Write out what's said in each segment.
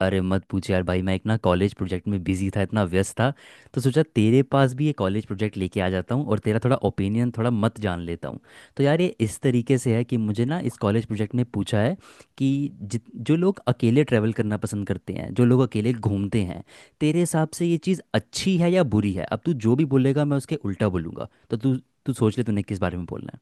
अरे मत पूछ यार भाई, मैं एक ना कॉलेज प्रोजेक्ट में बिजी था, इतना व्यस्त था। तो सोचा तेरे पास भी ये कॉलेज प्रोजेक्ट लेके आ जाता हूँ और तेरा थोड़ा ओपिनियन थोड़ा मत जान लेता हूँ। तो यार ये इस तरीके से है कि मुझे ना इस कॉलेज प्रोजेक्ट में पूछा है कि जित जो लोग अकेले ट्रैवल करना पसंद करते हैं, जो लोग अकेले घूमते हैं, तेरे हिसाब से ये चीज़ अच्छी है या बुरी है। अब तू जो भी बोलेगा मैं उसके उल्टा बोलूँगा, तो तू तू सोच ले तूने किस बारे में बोलना है।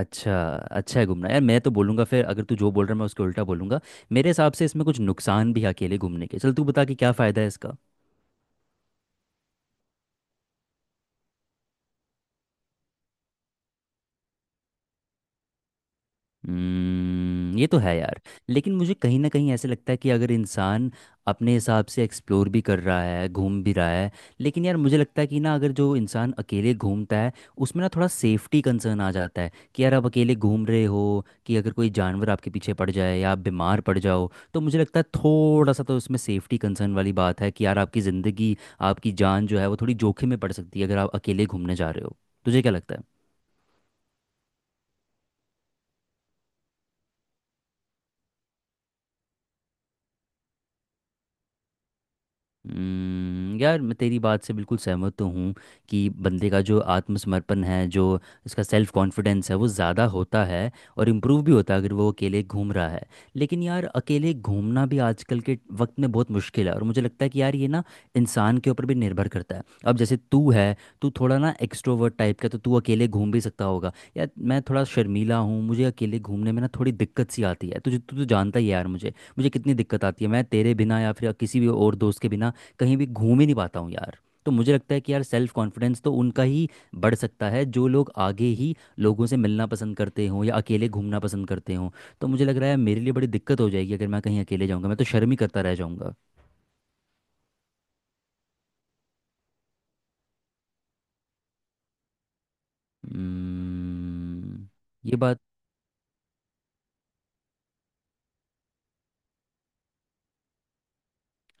अच्छा। अच्छा है घूमना, यार मैं तो बोलूँगा फिर, अगर तू जो बोल रहा है मैं उसके उल्टा बोलूँगा। मेरे हिसाब से इसमें कुछ नुकसान भी है अकेले घूमने के। चल तू बता कि क्या फ़ायदा है इसका। हम्म, ये तो है यार। लेकिन मुझे कहीं ना कहीं ऐसे लगता है कि अगर इंसान अपने हिसाब से एक्सप्लोर भी कर रहा है, घूम भी रहा है, लेकिन यार मुझे लगता है कि ना अगर जो इंसान अकेले घूमता है उसमें ना थोड़ा सेफ्टी कंसर्न आ जाता है कि यार आप अकेले घूम रहे हो, कि अगर कोई जानवर आपके पीछे पड़ जाए या आप बीमार पड़ जाओ, तो मुझे लगता है थोड़ा सा तो उसमें सेफ्टी कंसर्न वाली बात है कि यार आपकी ज़िंदगी, आपकी जान जो है वो थोड़ी जोखिम में पड़ सकती है अगर आप अकेले घूमने जा रहे हो। तुझे क्या लगता है। यार मैं तेरी बात से बिल्कुल सहमत तो हूँ कि बंदे का जो आत्मसमर्पण है, जो उसका सेल्फ कॉन्फिडेंस है वो ज़्यादा होता है और इम्प्रूव भी होता है अगर वो अकेले घूम रहा है। लेकिन यार अकेले घूमना भी आजकल के वक्त में बहुत मुश्किल है, और मुझे लगता है कि यार ये ना इंसान के ऊपर भी निर्भर करता है। अब जैसे तू है, तू थोड़ा ना एक्सट्रोवर्ट टाइप का, तो तू अकेले घूम भी सकता होगा। यार मैं थोड़ा शर्मीला हूँ, मुझे अकेले घूमने में ना थोड़ी दिक्कत सी आती है। तुझे तू तो जानता ही है यार मुझे मुझे कितनी दिक्कत आती है। मैं तेरे बिना या फिर किसी भी और दोस्त के बिना कहीं भी घूम ही नहीं पाता हूँ यार। तो मुझे लगता है कि यार सेल्फ कॉन्फिडेंस तो उनका ही बढ़ सकता है जो लोग आगे ही लोगों से मिलना पसंद करते हों या अकेले घूमना पसंद करते हों। तो मुझे लग रहा है मेरे लिए बड़ी दिक्कत हो जाएगी अगर मैं कहीं अकेले जाऊँगा, मैं तो शर्म ही करता रह जाऊँगा। हम्म। ये बात।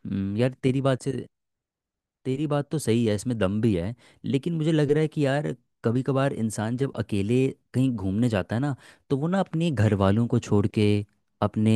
यार तेरी बात तो सही है, इसमें दम भी है। लेकिन मुझे लग रहा है कि यार कभी कभार इंसान जब अकेले कहीं घूमने जाता है ना, तो वो ना अपने घर वालों को छोड़ के अपने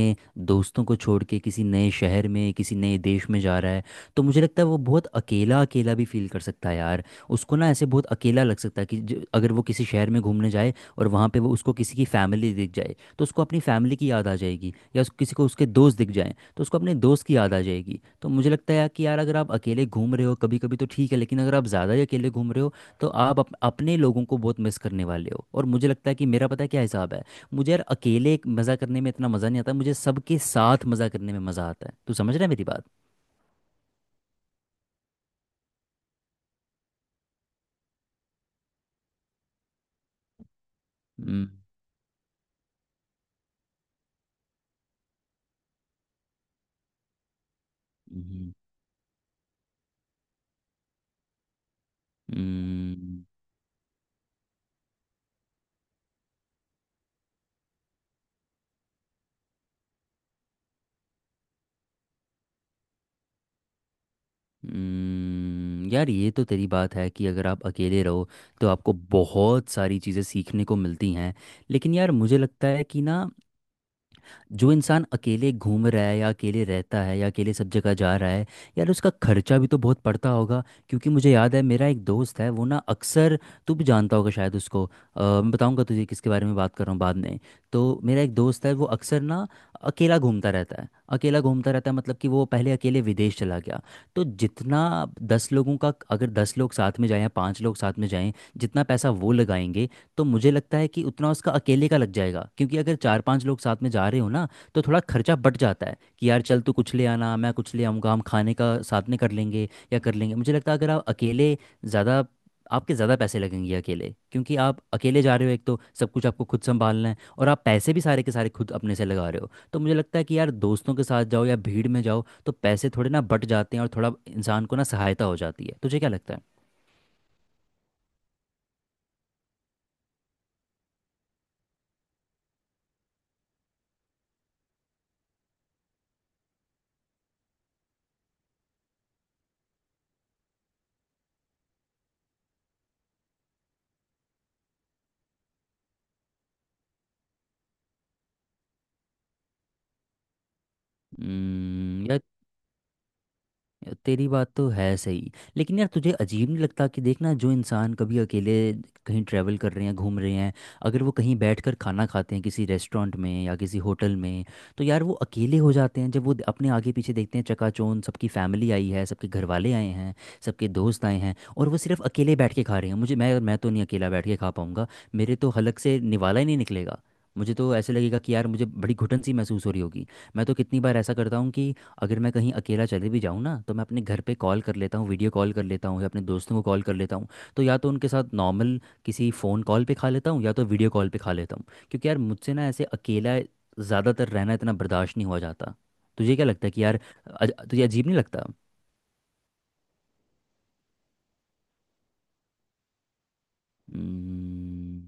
दोस्तों को छोड़ के किसी नए शहर में किसी नए देश में जा रहा है, तो मुझे लगता है वो बहुत अकेला अकेला भी फील कर सकता है यार। उसको ना ऐसे बहुत अकेला लग सकता है कि अगर वो किसी शहर में घूमने जाए और वहाँ पे वो उसको किसी की फैमिली दिख जाए, तो उसको अपनी फैमिली की याद आ जाएगी, या किसी को उसके दोस्त दिख जाए तो उसको अपने दोस्त की याद आ जाएगी। तो मुझे लगता है कि यार अगर आप अकेले घूम रहे हो कभी कभी तो ठीक है, लेकिन अगर आप ज़्यादा ही अकेले घूम रहे हो, तो आप अपने लोगों को बहुत मिस करने वाले हो, और मुझे लगता है कि मेरा पता है क्या हिसाब है। मुझे यार अकेले मज़ा करने में इतना मज़ा नहीं आता, मुझे सबके साथ मज़ा करने में मज़ा आता है। तू समझ रहा है मेरी बात। हम्म। हम्म। हम्म। यार ये तो तेरी बात है कि अगर आप अकेले रहो तो आपको बहुत सारी चीज़ें सीखने को मिलती हैं। लेकिन यार मुझे लगता है कि ना जो इंसान अकेले घूम रहा है या अकेले रहता है या अकेले सब जगह जा रहा है, यार उसका खर्चा भी तो बहुत पड़ता होगा। क्योंकि मुझे याद है मेरा एक दोस्त है, वो ना अक्सर, तू भी जानता होगा शायद उसको, मैं बताऊंगा तुझे किसके बारे में बात कर रहा हूँ बाद में। तो मेरा एक दोस्त है वो अक्सर ना अकेला घूमता रहता है। अकेला घूमता रहता है, मतलब कि वो पहले अकेले विदेश चला गया। तो जितना दस लोगों का, अगर दस लोग साथ में जाएं या पाँच लोग साथ में जाएं, जितना पैसा वो लगाएंगे, तो मुझे लगता है कि उतना उसका अकेले का लग जाएगा। क्योंकि अगर चार पांच लोग साथ में जा रहे हो ना, तो थोड़ा खर्चा बढ़ जाता है, कि यार चल तू कुछ ले आना, मैं कुछ ले आऊँगा, हम खाने का साथ में कर लेंगे या कर लेंगे। मुझे लगता है अगर आप अकेले ज़्यादा, आपके ज़्यादा पैसे लगेंगे अकेले, क्योंकि आप अकेले जा रहे हो, एक तो सब कुछ आपको खुद संभालना है, और आप पैसे भी सारे के सारे खुद अपने से लगा रहे हो। तो मुझे लगता है कि यार दोस्तों के साथ जाओ या भीड़ में जाओ तो पैसे थोड़े ना बट जाते हैं, और थोड़ा इंसान को ना सहायता हो जाती है। तुझे क्या लगता। है यार, तेरी बात तो है सही। लेकिन यार तुझे अजीब नहीं लगता कि देखना, जो इंसान कभी अकेले कहीं ट्रैवल कर रहे हैं, घूम रहे हैं, अगर वो कहीं बैठकर खाना खाते हैं किसी रेस्टोरेंट में या किसी होटल में, तो यार वो अकेले हो जाते हैं जब वो अपने आगे पीछे देखते हैं, चकाचौंध सबकी फैमिली आई है, सबके घर वाले आए हैं, सबके दोस्त आए हैं, और वो सिर्फ अकेले बैठ के खा रहे हैं। मुझे मैं तो नहीं अकेला बैठ के खा पाऊंगा। मेरे तो हलक से निवाला ही नहीं निकलेगा। मुझे तो ऐसे लगेगा कि यार मुझे बड़ी घुटन सी महसूस हो रही होगी। मैं तो कितनी बार ऐसा करता हूँ कि अगर मैं कहीं अकेला चले भी जाऊँ ना, तो मैं अपने घर पे कॉल कर लेता हूँ, वीडियो कॉल कर लेता हूँ, या अपने दोस्तों को कॉल कर लेता हूँ। तो या तो उनके साथ नॉर्मल किसी फ़ोन कॉल पे खा लेता हूँ, या तो वीडियो कॉल पे खा लेता हूँ। क्योंकि यार मुझसे ना ऐसे अकेला ज़्यादातर रहना इतना बर्दाश्त नहीं हुआ जाता। तुझे क्या लगता है कि यार, तुझे अजीब नहीं लगता। हम्म।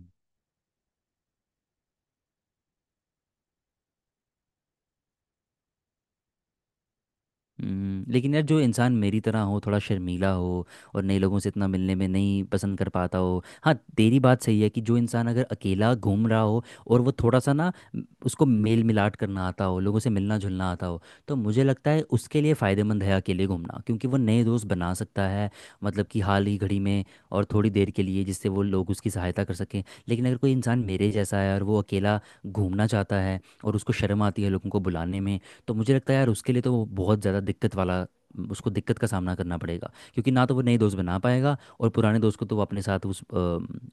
लेकिन यार जो इंसान मेरी तरह हो थोड़ा शर्मीला हो और नए लोगों से इतना मिलने में नहीं पसंद कर पाता हो, हाँ तेरी बात सही है कि जो इंसान अगर अकेला घूम रहा हो और वो थोड़ा सा ना उसको मेल मिलाट करना आता हो लोगों से मिलना जुलना आता हो, तो मुझे लगता है उसके लिए फ़ायदेमंद है अकेले घूमना, क्योंकि वो नए दोस्त बना सकता है। मतलब कि हाल ही घड़ी में और थोड़ी देर के लिए जिससे वो लोग उसकी सहायता कर सकें। लेकिन अगर कोई इंसान मेरे जैसा है और वो अकेला घूमना चाहता है, और उसको शर्म आती है लोगों को बुलाने में, तो मुझे लगता है यार उसके लिए तो वो बहुत ज़्यादा दिक्कत वाला, उसको दिक्कत का सामना करना पड़ेगा, क्योंकि ना तो वो नए दोस्त बना पाएगा, और पुराने दोस्त को तो वो अपने साथ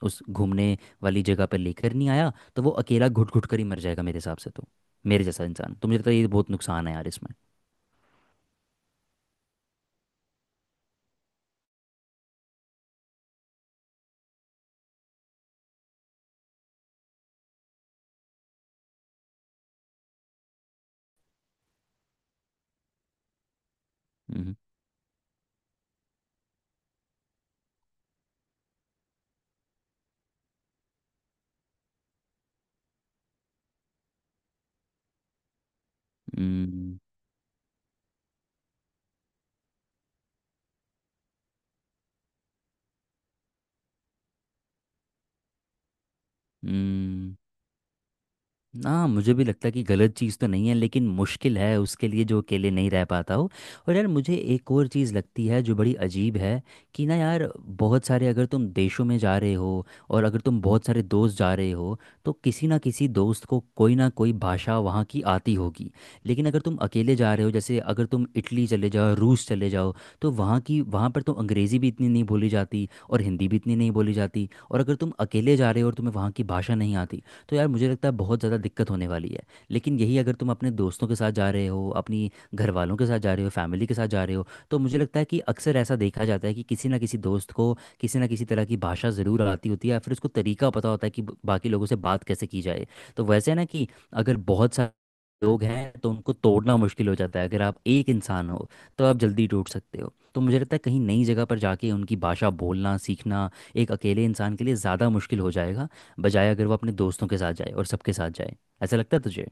उस घूमने वाली जगह पर लेकर नहीं आया, तो वो अकेला घुट घुट कर ही मर जाएगा मेरे हिसाब से तो। मेरे जैसा इंसान तो मुझे लगता है ये बहुत नुकसान है यार इसमें। हम्म। हम्म। हम्म, ना मुझे भी लगता है कि गलत चीज़ तो नहीं है, लेकिन मुश्किल है उसके लिए जो अकेले नहीं रह पाता हो। और यार मुझे एक और चीज़ लगती है जो बड़ी अजीब है, कि ना यार बहुत सारे, अगर तुम देशों में जा रहे हो और अगर तुम बहुत सारे दोस्त जा रहे हो, तो किसी ना किसी दोस्त को कोई ना कोई भाषा वहाँ की आती होगी। लेकिन अगर तुम अकेले जा रहे हो, जैसे अगर तुम इटली चले जाओ रूस चले जाओ, तो वहाँ पर तो अंग्रेज़ी भी इतनी नहीं बोली जाती और हिंदी भी इतनी नहीं बोली जाती, और अगर तुम अकेले जा रहे हो और तुम्हें वहाँ की भाषा नहीं आती, तो यार मुझे लगता है बहुत ज़्यादा दिक्कत होने वाली है। लेकिन यही अगर तुम अपने दोस्तों के साथ जा रहे हो, अपनी घर वालों के साथ जा रहे हो, फैमिली के साथ जा रहे हो, तो मुझे लगता है कि अक्सर ऐसा देखा जाता है कि किसी ना किसी दोस्त को किसी ना किसी तरह की भाषा ज़रूर आती होती है, या फिर उसको तरीका पता होता है कि बाकी लोगों से बात कैसे की जाए। तो वैसे है ना, कि अगर बहुत सारे लोग हैं तो उनको तोड़ना मुश्किल हो जाता है, अगर आप एक इंसान हो तो आप जल्दी टूट सकते हो। तो मुझे लगता है कहीं नई जगह पर जाके उनकी भाषा बोलना सीखना एक अकेले इंसान के लिए ज़्यादा मुश्किल हो जाएगा, बजाय अगर वो अपने दोस्तों के साथ जाए और सबके साथ जाए। ऐसा लगता है तुझे।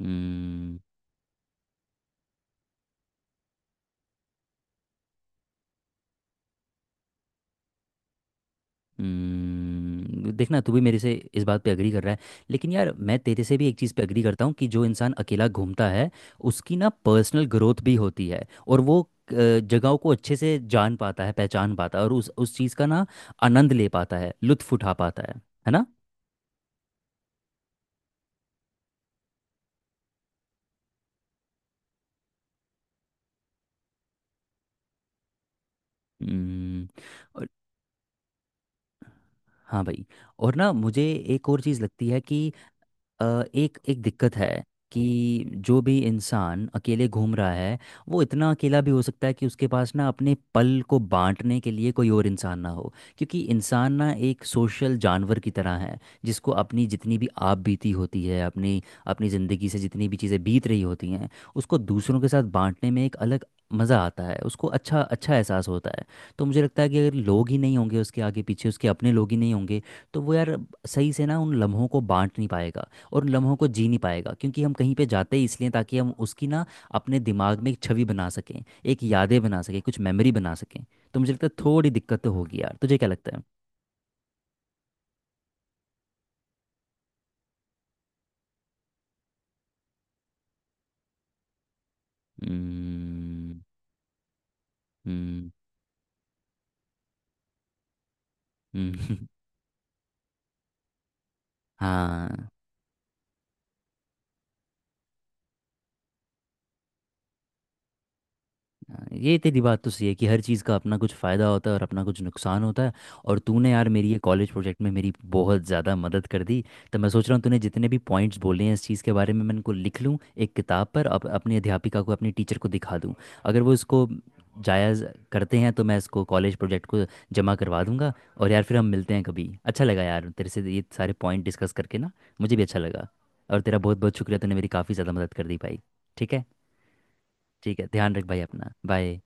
हम्म। देखना तू भी मेरे से इस बात पे एग्री कर रहा है। लेकिन यार मैं तेरे से भी एक चीज़ पे एग्री करता हूँ कि जो इंसान अकेला घूमता है उसकी ना पर्सनल ग्रोथ भी होती है, और वो जगहों को अच्छे से जान पाता है, पहचान पाता है, और उस चीज़ का ना आनंद ले पाता है, लुत्फ उठा पाता है। है ना। हम्म। और- हाँ भाई। और ना मुझे एक और चीज़ लगती है कि एक एक दिक्कत है कि जो भी इंसान अकेले घूम रहा है, वो इतना अकेला भी हो सकता है कि उसके पास ना अपने पल को बांटने के लिए कोई और इंसान ना हो, क्योंकि इंसान ना एक सोशल जानवर की तरह है, जिसको अपनी जितनी भी आप बीती होती है, अपनी अपनी ज़िंदगी से जितनी भी चीज़ें बीत रही होती हैं, उसको दूसरों के साथ बांटने में एक अलग मज़ा आता है, उसको अच्छा अच्छा एहसास होता है। तो मुझे लगता है कि अगर लोग ही नहीं होंगे उसके आगे पीछे, उसके अपने लोग ही नहीं होंगे, तो वो यार सही से ना उन लम्हों को बांट नहीं पाएगा और उन लम्हों को जी नहीं पाएगा, क्योंकि हम कहीं पे जाते ही इसलिए ताकि हम उसकी ना अपने दिमाग में एक छवि बना सकें, एक यादें बना सकें, कुछ मेमोरी बना सकें। तो मुझे लगता है थोड़ी दिक्कत तो होगी यार, तुझे क्या लगता है। हम्म। हम्म। हम्म। हाँ। हाँ, ये तेरी बात तो सही है कि हर चीज़ का अपना कुछ फ़ायदा होता है और अपना कुछ नुकसान होता है। और तूने यार मेरी ये कॉलेज प्रोजेक्ट में मेरी बहुत ज़्यादा मदद कर दी। तो मैं सोच रहा हूँ तूने जितने भी पॉइंट्स बोले हैं इस चीज़ के बारे में, मैं इनको लिख लूँ एक किताब पर, अपनी अध्यापिका को, अपनी टीचर को दिखा दूँ। अगर वो इसको जायज़ करते हैं, तो मैं इसको कॉलेज प्रोजेक्ट को जमा करवा दूंगा। और यार फिर हम मिलते हैं कभी। अच्छा लगा यार तेरे से ये सारे पॉइंट डिस्कस करके ना। मुझे भी अच्छा लगा। और तेरा बहुत बहुत शुक्रिया, तूने मेरी काफ़ी ज़्यादा मदद कर दी भाई। ठीक है। ठीक है, ध्यान रख भाई अपना। बाय।